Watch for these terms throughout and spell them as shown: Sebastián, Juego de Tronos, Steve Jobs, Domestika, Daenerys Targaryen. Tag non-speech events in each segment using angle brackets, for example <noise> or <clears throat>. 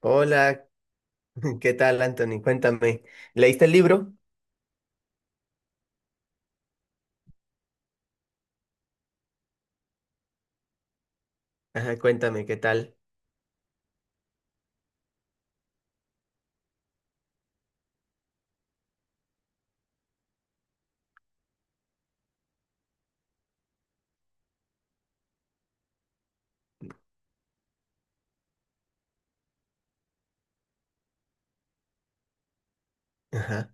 Hola, <laughs> ¿qué tal, Anthony? Cuéntame, ¿leíste el libro? Ajá, cuéntame, ¿qué tal? Ajá,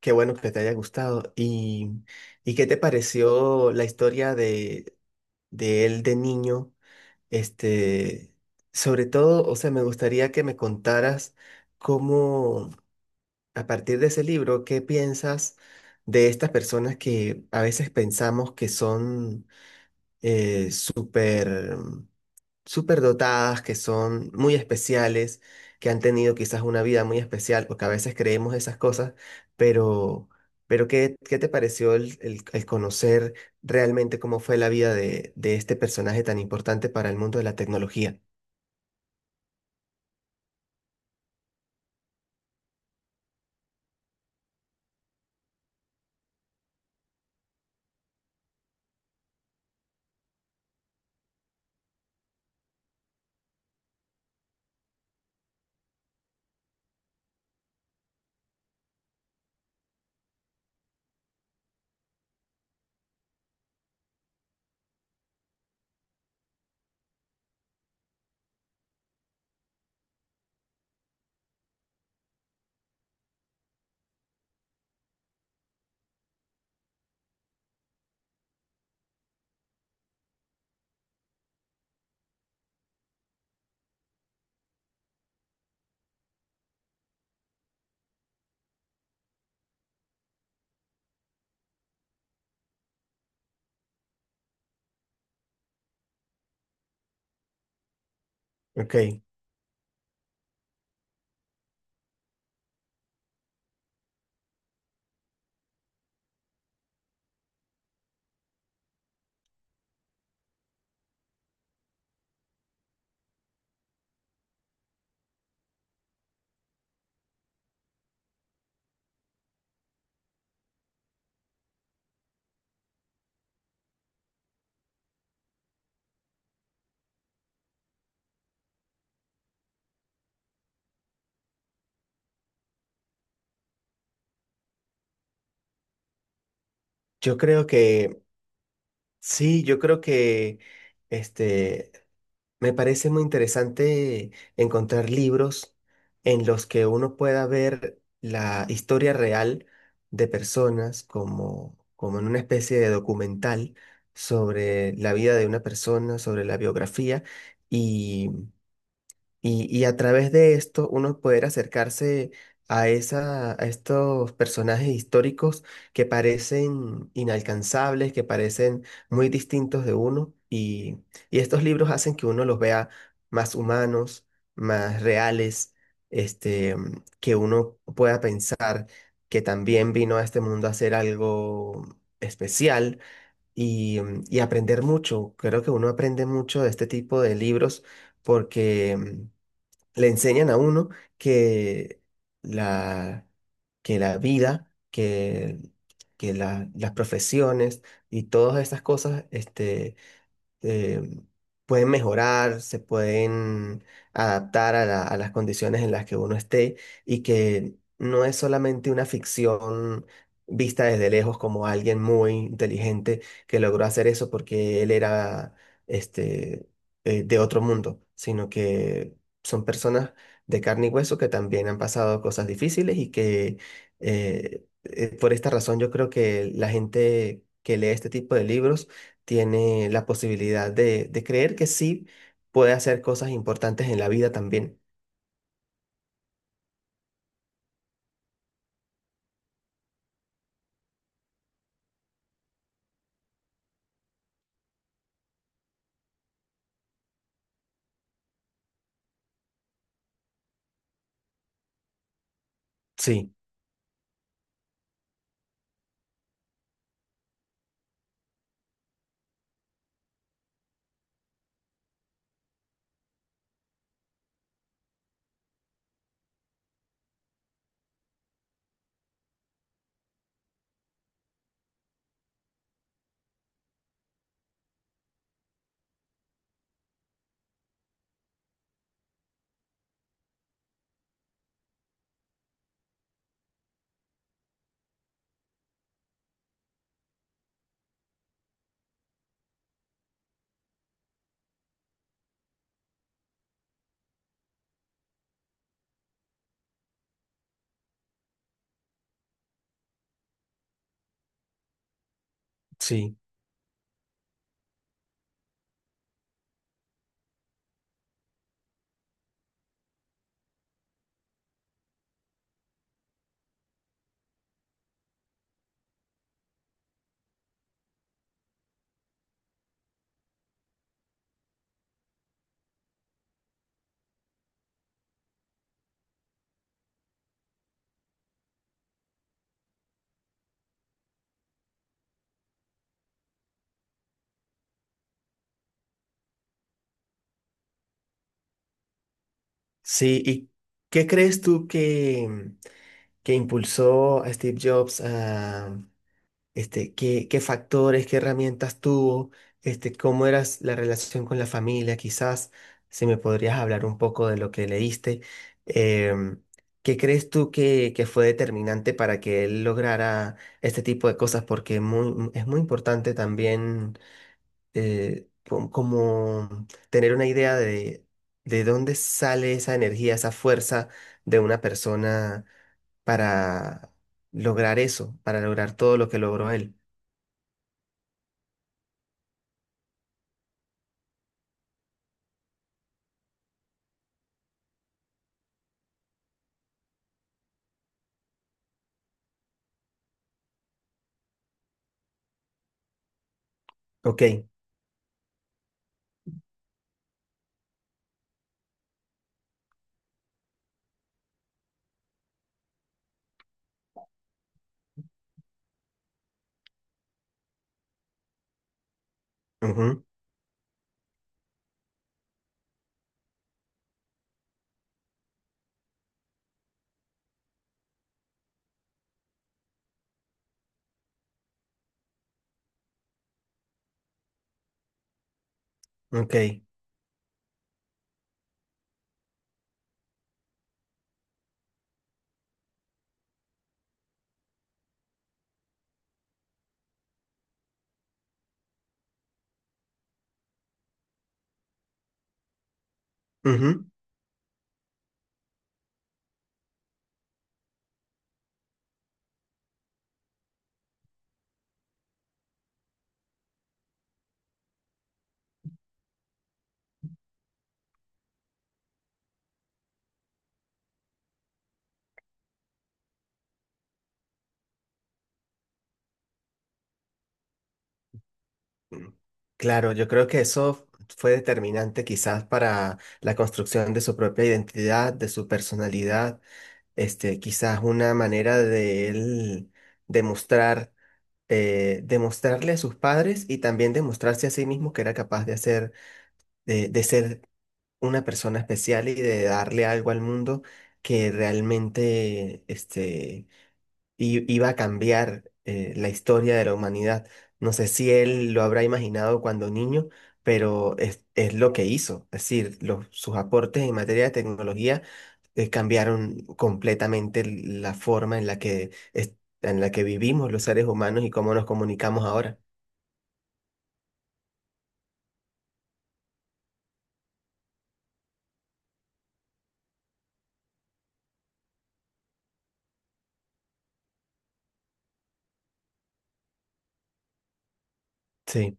qué bueno que te haya gustado. Y qué te pareció la historia de él de niño? Este, Sobre todo, o sea, me gustaría que me contaras cómo, a partir de ese libro, ¿qué piensas de estas personas que a veces pensamos que son eh, súper súper dotadas, que son muy especiales, que han tenido quizás una vida muy especial, porque a veces creemos esas cosas, pero, ¿pero ¿qué te pareció el conocer realmente cómo fue la vida de este personaje tan importante para el mundo de la tecnología? Ok, yo creo que, sí, yo creo que este, me parece muy interesante encontrar libros en los que uno pueda ver la historia real de personas como, como en una especie de documental sobre la vida de una persona, sobre la biografía y a través de esto uno poder acercarse a, esa, a estos personajes históricos que parecen inalcanzables, que parecen muy distintos de uno. Y estos libros hacen que uno los vea más humanos, más reales, este, que uno pueda pensar que también vino a este mundo a hacer algo especial y, y aprender mucho. Creo que uno aprende mucho de este tipo de libros porque le enseñan a uno que la, que la vida, que las profesiones y todas estas cosas, eh, pueden mejorar, se pueden adaptar a a las condiciones en las que uno esté y que no es solamente una ficción vista desde lejos como alguien muy inteligente que logró hacer eso porque él era este, de otro mundo, sino que son personas de carne y hueso que también han pasado cosas difíciles y que por esta razón yo creo que la gente que lee este tipo de libros tiene la posibilidad de creer que sí puede hacer cosas importantes en la vida también. Sí, sí, sí. ¿Y qué crees tú que impulsó a Steve Jobs a, qué, qué factores, qué herramientas tuvo, este, cómo era la relación con la familia, quizás si me podrías hablar un poco de lo que leíste? Em, ¿Qué crees tú que fue determinante para que él lograra este tipo de cosas? Porque es muy importante también como tener una idea de dónde sale esa energía, esa fuerza de una persona para lograr eso, para lograr todo lo que logró él. Ok, ujú, ok, ujú. Claro, yo creo que eso fue determinante quizás para la construcción de su propia identidad, de su personalidad, quizás una manera de él demostrar, demostrarle a sus padres y también demostrarse a sí mismo que era capaz de hacer, de ser una persona especial y de darle algo al mundo que realmente, y iba a cambiar la historia de la humanidad. No sé si él lo habrá imaginado cuando niño, pero es lo que hizo. Es decir, los, sus aportes en materia de tecnología cambiaron completamente la forma en la que, en la que vivimos los seres humanos y cómo nos comunicamos ahora. Sí,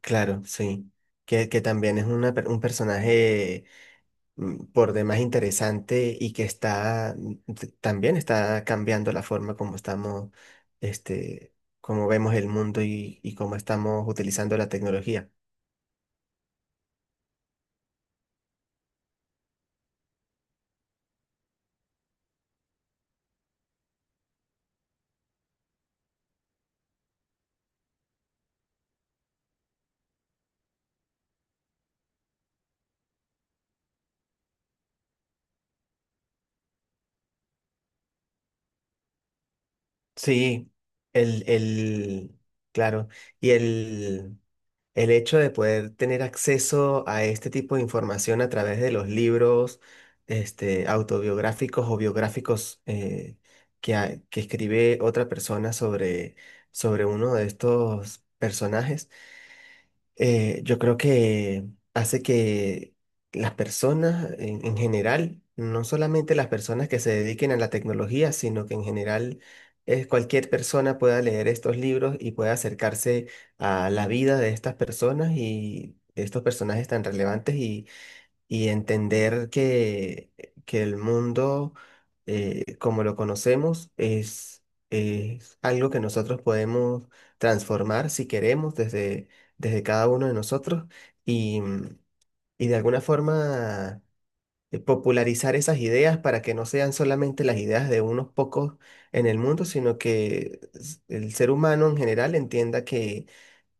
claro, sí. Que también es una un personaje por demás interesante y que está también está cambiando la forma como estamos, este, como vemos el mundo y cómo estamos utilizando la tecnología. Sí, el, claro, y el hecho de poder tener acceso a este tipo de información a través de los libros, este, autobiográficos o biográficos que escribe otra persona sobre, sobre uno de estos personajes yo creo que hace que las personas en general, no solamente las personas que se dediquen a la tecnología, sino que en general cualquier persona pueda leer estos libros y pueda acercarse a la vida de estas personas y de estos personajes tan relevantes y entender que el mundo como lo conocemos es algo que nosotros podemos transformar si queremos desde, desde cada uno de nosotros y, y de alguna forma popularizar esas ideas para que no sean solamente las ideas de unos pocos en el mundo, sino que el ser humano en general entienda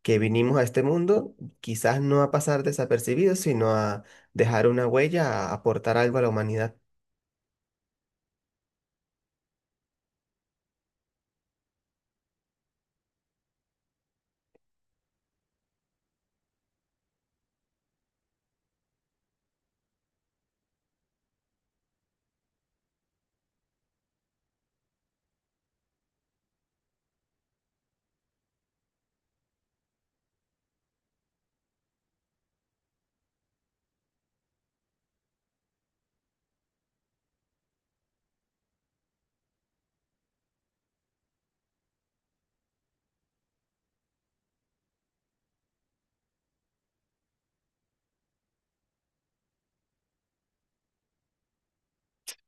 que vinimos a este mundo, quizás no a pasar desapercibidos, sino a dejar una huella, a aportar algo a la humanidad.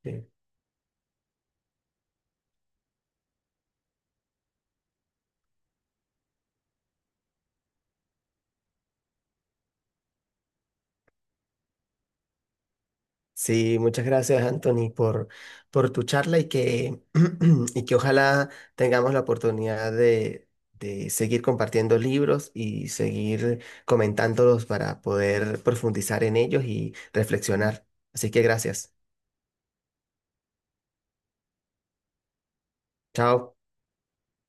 Sí, sí, muchas gracias, Anthony, por tu charla y que, <clears throat> y que ojalá tengamos la oportunidad de seguir compartiendo libros y seguir comentándolos para poder profundizar en ellos y reflexionar. Así que gracias. Chao.